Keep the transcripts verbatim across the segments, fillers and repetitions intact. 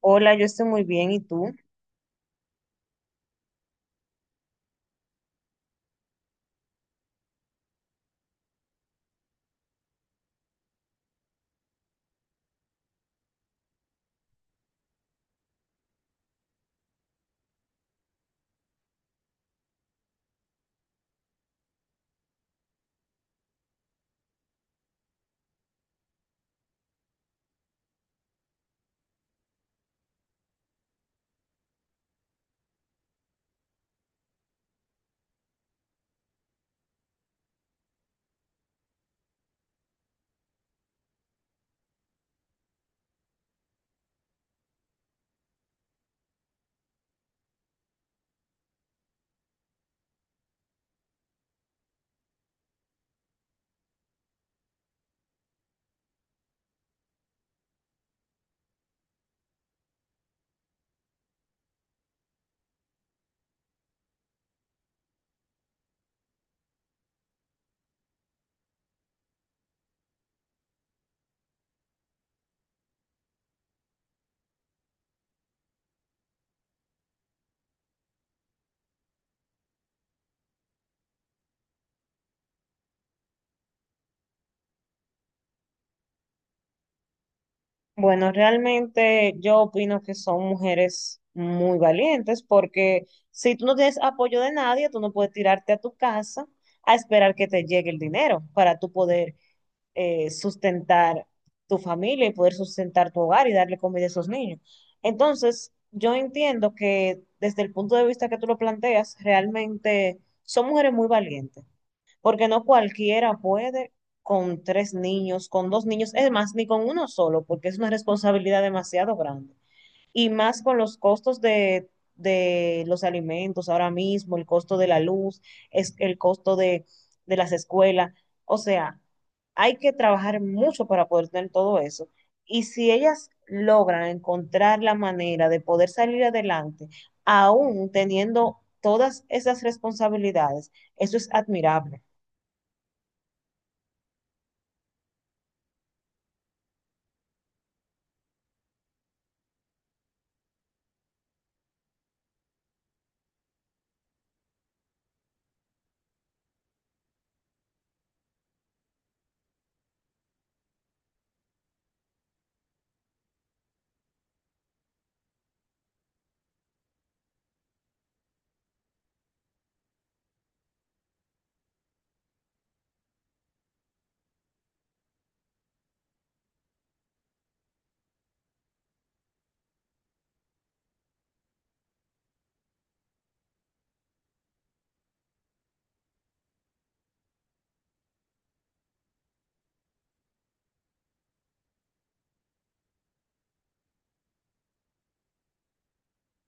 Hola, yo estoy muy bien, ¿y tú? Bueno, realmente yo opino que son mujeres muy valientes porque si tú no tienes apoyo de nadie, tú no puedes tirarte a tu casa a esperar que te llegue el dinero para tú poder eh, sustentar tu familia y poder sustentar tu hogar y darle comida a esos niños. Entonces, yo entiendo que desde el punto de vista que tú lo planteas, realmente son mujeres muy valientes, porque no cualquiera puede con tres niños, con dos niños, es más, ni con uno solo, porque es una responsabilidad demasiado grande. Y más con los costos de, de los alimentos ahora mismo, el costo de la luz, es el costo de, de las escuelas. O sea, hay que trabajar mucho para poder tener todo eso. Y si ellas logran encontrar la manera de poder salir adelante, aún teniendo todas esas responsabilidades, eso es admirable.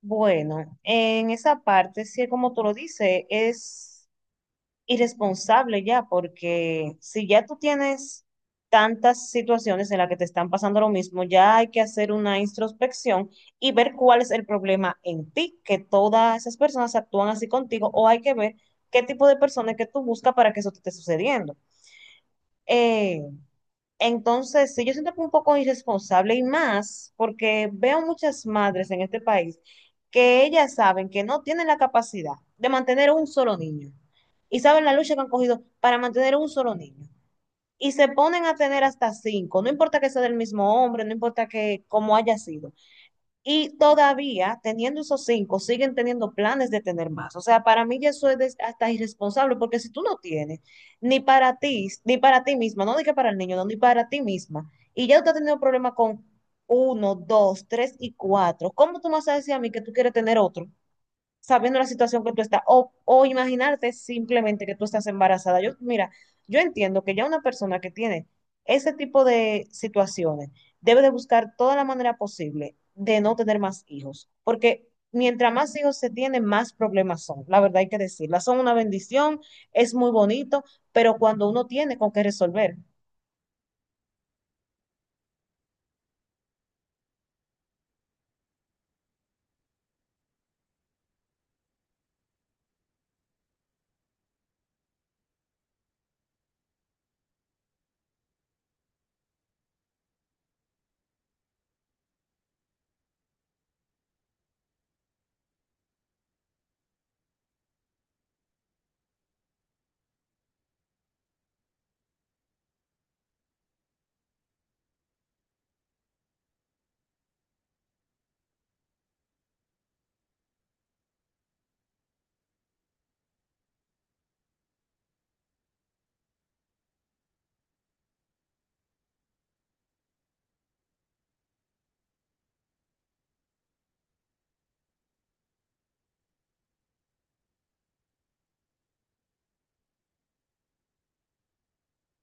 Bueno, en esa parte, sí, como tú lo dices, es irresponsable ya, porque si ya tú tienes tantas situaciones en las que te están pasando lo mismo, ya hay que hacer una introspección y ver cuál es el problema en ti, que todas esas personas actúan así contigo, o hay que ver qué tipo de personas que tú buscas para que eso te esté sucediendo. Eh, entonces, sí, yo siento que un poco irresponsable y más porque veo muchas madres en este país que ellas saben que no tienen la capacidad de mantener un solo niño y saben la lucha que han cogido para mantener un solo niño y se ponen a tener hasta cinco, no importa que sea del mismo hombre, no importa que cómo haya sido. Y todavía, teniendo esos cinco, siguen teniendo planes de tener más. O sea, para mí ya eso es des- hasta irresponsable, porque si tú no tienes, ni para ti, ni para ti misma, no diga para el niño, no, ni para ti misma, y ya tú has tenido problemas con uno, dos, tres y cuatro, ¿cómo tú me vas a decir a mí que tú quieres tener otro? Sabiendo la situación que tú estás, o, o imaginarte simplemente que tú estás embarazada. Yo, mira, yo entiendo que ya una persona que tiene ese tipo de situaciones debe de buscar toda la manera posible de no tener más hijos, porque mientras más hijos se tienen, más problemas son. La verdad hay que decirla, son una bendición, es muy bonito, pero cuando uno tiene con qué resolver.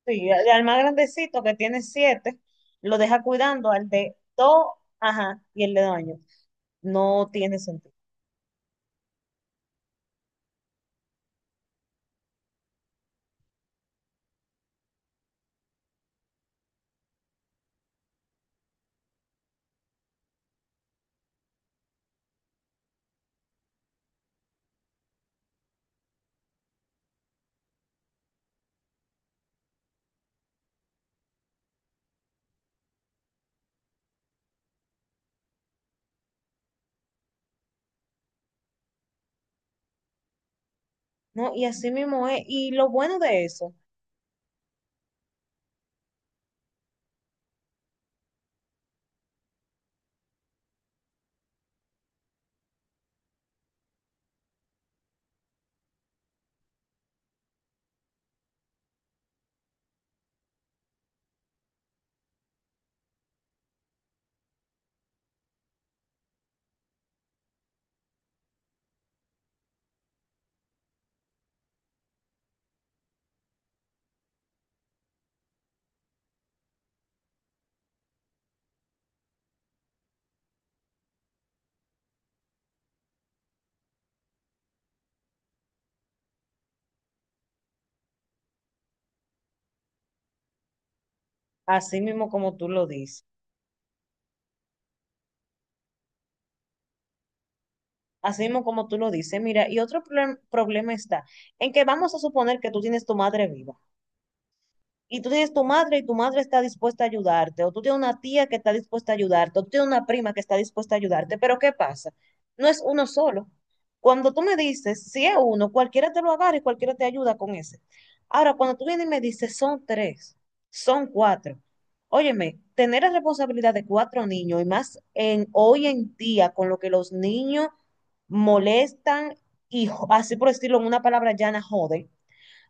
Sí, al al más grandecito que tiene siete, lo deja cuidando al de dos, ajá, y el de dos años. No tiene sentido. No, y así mismo es, y lo bueno de eso, así mismo como tú lo dices, así mismo como tú lo dices, mira, y otro problem- problema está en que vamos a suponer que tú tienes tu madre viva, y tú tienes tu madre y tu madre está dispuesta a ayudarte, o tú tienes una tía que está dispuesta a ayudarte, o tú tienes una prima que está dispuesta a ayudarte, pero ¿qué pasa? No es uno solo. Cuando tú me dices, si es uno, cualquiera te lo agarra y cualquiera te ayuda con ese. Ahora, cuando tú vienes y me dices, son tres, son cuatro. Óyeme, tener la responsabilidad de cuatro niños y más en hoy en día con lo que los niños molestan y jo- así por decirlo en una palabra llana, joden.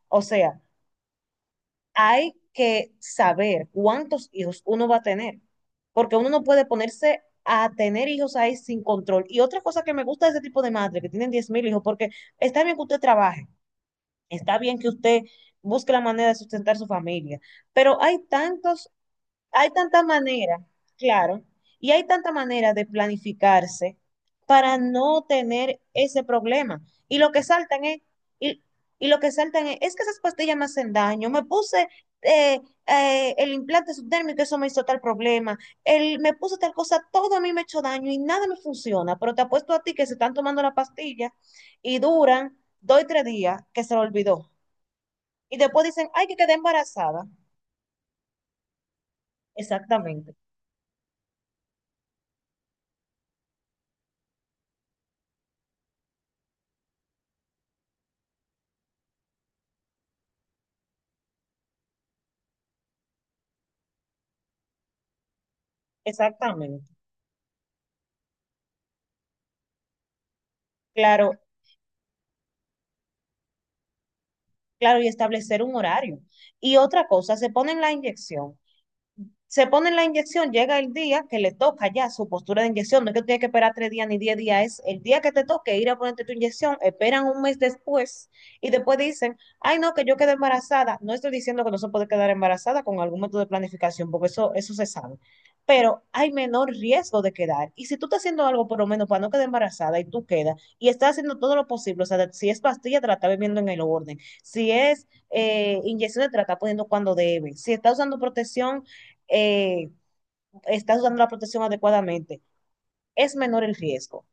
O sea, hay que saber cuántos hijos uno va a tener, porque uno no puede ponerse a tener hijos ahí sin control. Y otra cosa que me gusta de ese tipo de madre, que tienen diez mil hijos, porque está bien que usted trabaje, está bien que usted busque la manera de sustentar su familia, pero hay tantos, hay tanta manera, claro, y hay tanta manera de planificarse para no tener ese problema. Y lo que saltan es, y, y lo que saltan es, es que esas pastillas me hacen daño, me puse eh, eh, el implante subdérmico, eso me hizo tal problema, el, me puse tal cosa, todo a mí me ha hecho daño y nada me funciona, pero te apuesto a ti que se están tomando la pastilla y duran dos y tres días que se lo olvidó. Y después dicen, ay, que quedé embarazada. Exactamente, exactamente. Claro, claro, y establecer un horario. Y otra cosa, se ponen la inyección se ponen la inyección, llega el día que le toca ya su postura de inyección, no es que tiene que esperar tres días ni diez días, es el día que te toque ir a ponerte tu inyección, esperan un mes después y después dicen, ay no, que yo quedé embarazada, no estoy diciendo que no se puede quedar embarazada con algún método de planificación, porque eso, eso se sabe, pero hay menor riesgo de quedar, y si tú estás haciendo algo por lo menos para no quedar embarazada y tú quedas, y estás haciendo todo lo posible, o sea, si es pastilla, te la estás bebiendo en el orden, si es eh, inyecciones, te la estás poniendo cuando debe, si estás usando protección, eh, estás usando la protección adecuadamente, es menor el riesgo,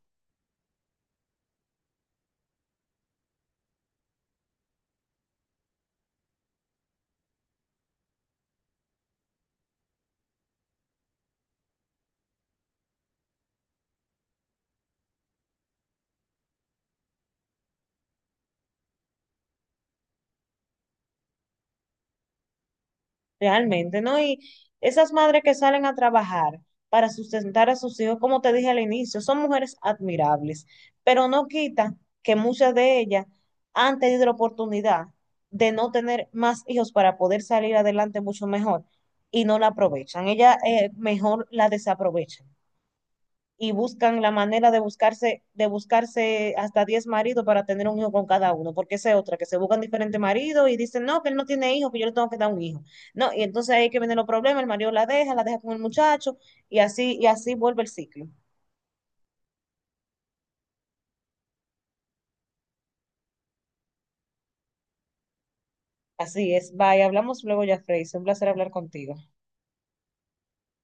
realmente, ¿no? Y esas madres que salen a trabajar para sustentar a sus hijos, como te dije al inicio, son mujeres admirables, pero no quita que muchas de ellas han tenido la oportunidad de no tener más hijos para poder salir adelante mucho mejor y no la aprovechan. Ellas eh, mejor la desaprovechan, y buscan la manera de buscarse, de buscarse hasta diez maridos para tener un hijo con cada uno, porque esa es otra, que se buscan diferentes maridos y dicen, no, que él no tiene hijos, que yo le tengo que dar un hijo. No, y entonces ahí que vienen los problemas, el marido la deja, la deja con el muchacho, y así, y así vuelve el ciclo. Así es, bye, hablamos luego ya, Frey, es un placer hablar contigo.